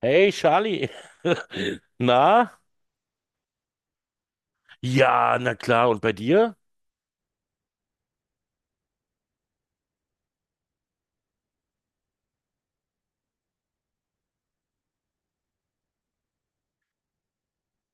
Hey Charlie, na? Ja, na klar, und bei dir?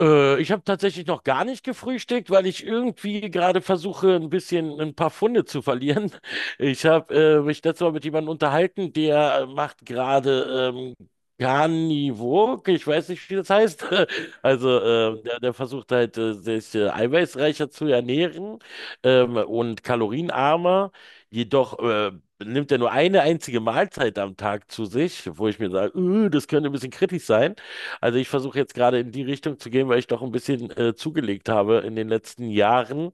Ich habe tatsächlich noch gar nicht gefrühstückt, weil ich irgendwie gerade versuche, ein bisschen ein paar Pfunde zu verlieren. Ich habe mich letztes Mal mit jemandem unterhalten, der macht gerade Carnivore, ich weiß nicht, wie das heißt. Also der versucht halt, sich eiweißreicher zu ernähren, und kalorienarmer. Jedoch nimmt er nur eine einzige Mahlzeit am Tag zu sich, wo ich mir sage, das könnte ein bisschen kritisch sein." Also ich versuche jetzt gerade in die Richtung zu gehen, weil ich doch ein bisschen zugelegt habe in den letzten Jahren.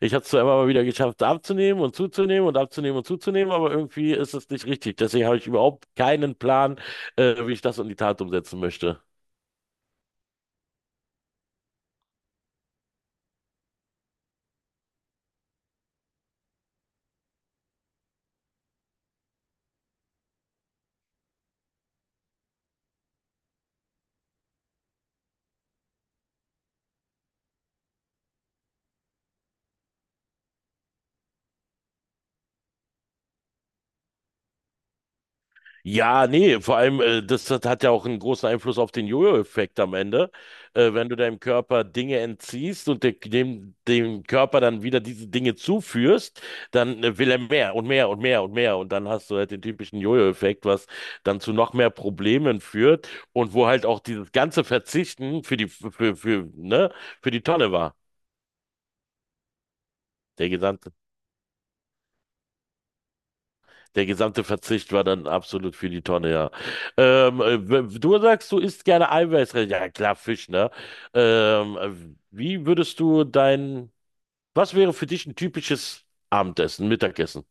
Ich habe es zwar immer mal wieder geschafft, abzunehmen und zuzunehmen und abzunehmen und zuzunehmen, aber irgendwie ist es nicht richtig. Deswegen habe ich überhaupt keinen Plan, wie ich das in die Tat umsetzen möchte. Ja, nee, vor allem, das hat ja auch einen großen Einfluss auf den Jojo-Effekt am Ende. Wenn du deinem Körper Dinge entziehst und dem Körper dann wieder diese Dinge zuführst, dann will er mehr und mehr und mehr und mehr. Und dann hast du halt den typischen Jojo-Effekt, was dann zu noch mehr Problemen führt und wo halt auch dieses ganze Verzichten für die, für, ne, für die Tonne war. Der gesamte. Der gesamte Verzicht war dann absolut für die Tonne, ja. Du sagst, du isst gerne eiweißreich. Ja, klar, Fisch, ne? Ähm, äh, wie würdest du dein, Was wäre für dich ein typisches Abendessen, Mittagessen?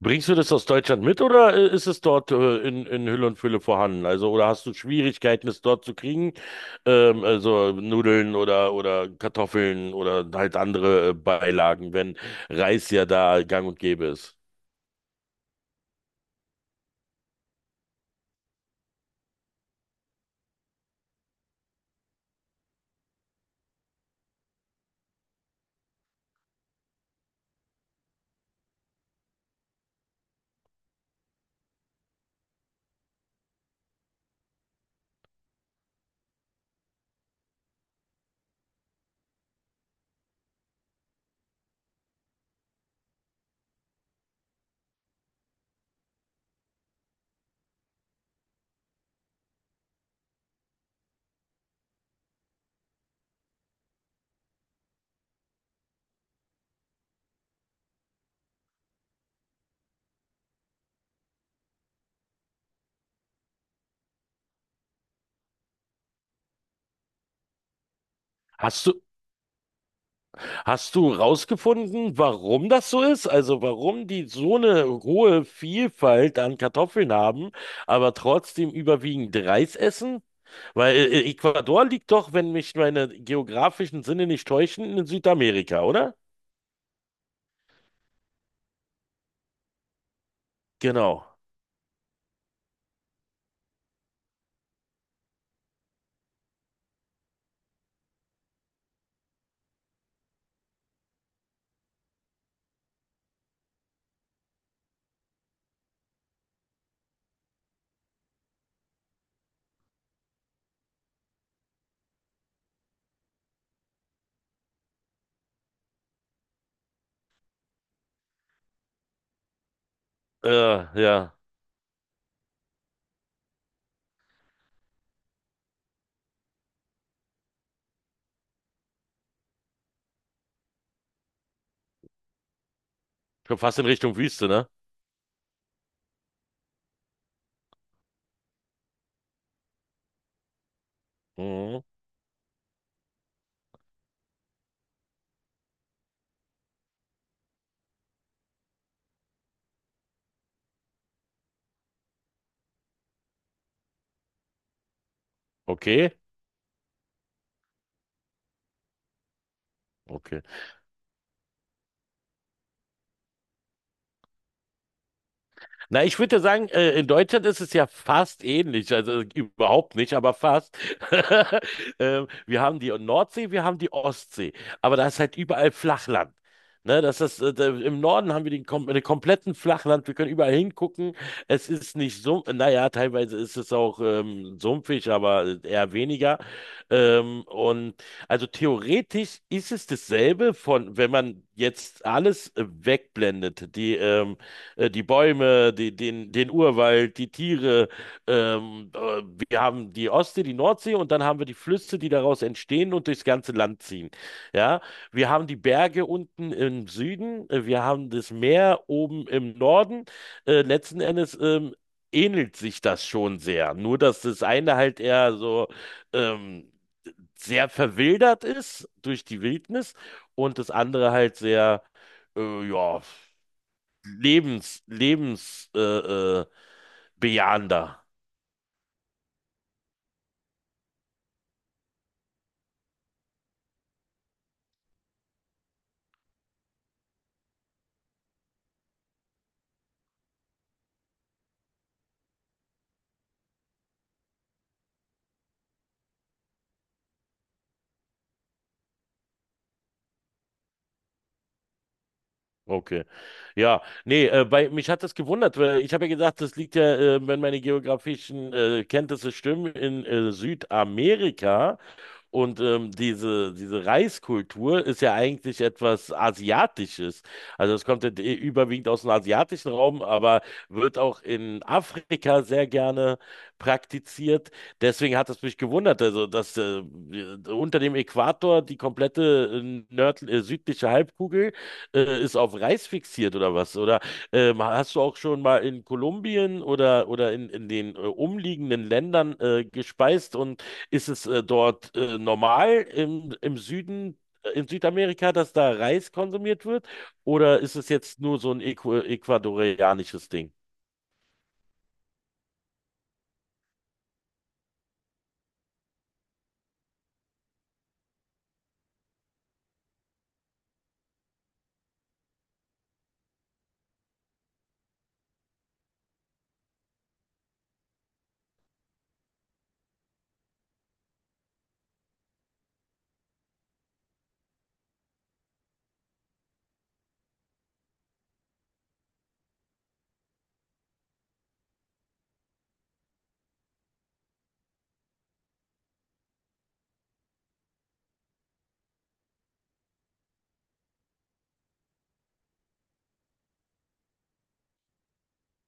Bringst du das aus Deutschland mit oder ist es dort in Hülle und Fülle vorhanden? Also, oder hast du Schwierigkeiten, es dort zu kriegen? Also Nudeln oder Kartoffeln oder halt andere Beilagen, wenn Reis ja da gang und gäbe ist. Hast du Hast du rausgefunden, warum das so ist? Also warum die so eine hohe Vielfalt an Kartoffeln haben, aber trotzdem überwiegend Reis essen? Weil Ecuador liegt doch, wenn mich meine geografischen Sinne nicht täuschen, in Südamerika, oder? Genau. Äh, ja. Schon fast in Richtung Wüste, ne? Mhm. Okay. Okay. Na, ich würde ja sagen, in Deutschland ist es ja fast ähnlich, also überhaupt nicht, aber fast. Wir haben die Nordsee, wir haben die Ostsee, aber da ist halt überall Flachland. Ne, im Norden haben wir den, kom den kompletten Flachland, wir können überall hingucken. Es ist nicht so, naja, teilweise ist es auch sumpfig, aber eher weniger. Ähm, und also theoretisch ist es dasselbe von, wenn man jetzt alles wegblendet, die Bäume, den Urwald, die Tiere. Ähm, äh, Wir haben die Ostsee, die Nordsee und dann haben wir die Flüsse, die daraus entstehen und durchs ganze Land ziehen. Ja, wir haben die Berge unten im Süden, wir haben das Meer oben im Norden. Letzten Endes ähnelt sich das schon sehr. Nur, dass das eine halt eher so ähm, sehr verwildert ist durch die Wildnis und das andere halt sehr, ja. Lebens, Lebens, äh, äh, Bejahender. Okay. Ja, nee, weil mich hat das gewundert, weil ich habe ja gesagt, das liegt ja, wenn meine geografischen Kenntnisse stimmen, in Südamerika. Und diese Reiskultur ist ja eigentlich etwas Asiatisches. Also es kommt ja überwiegend aus dem asiatischen Raum, aber wird auch in Afrika sehr gerne praktiziert. Deswegen hat es mich gewundert, also dass unter dem Äquator die komplette südliche Halbkugel ist auf Reis fixiert oder was? Oder hast du auch schon mal in Kolumbien in den umliegenden Ländern gespeist und ist es dort normal im Süden, in Südamerika, dass da Reis konsumiert wird? Oder ist es jetzt nur so ein Äqu ecuadorianisches Ding?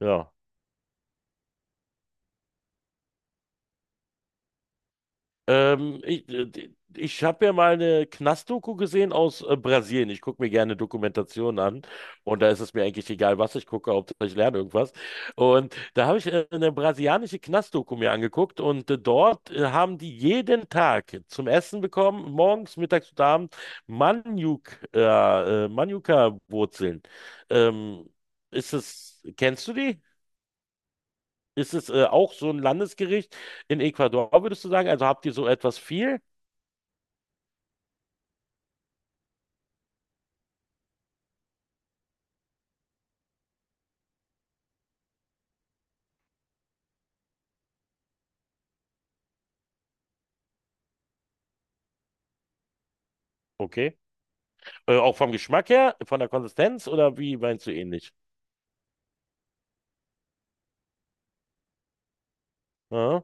Ja. Ähm, ich äh, Ich habe ja mal eine Knastdoku gesehen aus Brasilien. Ich gucke mir gerne Dokumentationen an und da ist es mir eigentlich egal, was ich gucke, Hauptsache ich lerne irgendwas. Und da habe ich eine brasilianische Knastdoku mir angeguckt und dort haben die jeden Tag zum Essen bekommen, morgens, mittags und abends, Maniok, Manuka-Wurzeln. Ähm, ist es, kennst du die? Ist es auch so ein Landesgericht in Ecuador, würdest du sagen? Also habt ihr so etwas viel? Okay. Auch vom Geschmack her, von der Konsistenz oder wie meinst du ähnlich? Ja.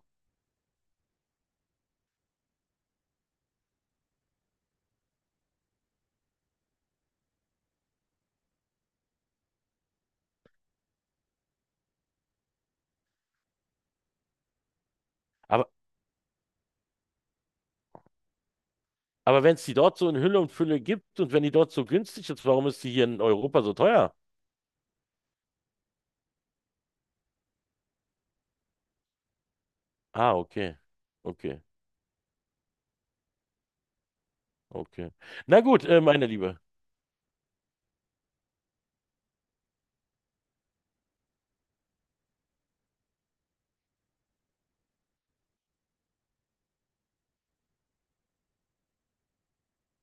Aber, aber wenn es die dort so in Hülle und Fülle gibt und wenn die dort so günstig ist, warum ist die hier in Europa so teuer? Ah, okay. Okay, okay. Na gut, meine Liebe.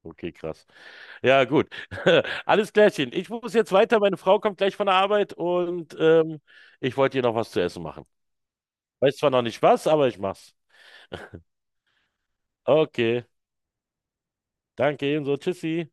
Okay, krass. Ja, gut. Alles klärchen. Ich muss jetzt weiter. Meine Frau kommt gleich von der Arbeit und ich wollte ihr noch was zu essen machen. Weiß zwar noch nicht was, aber ich mach's. Okay. Danke ebenso. Tschüssi.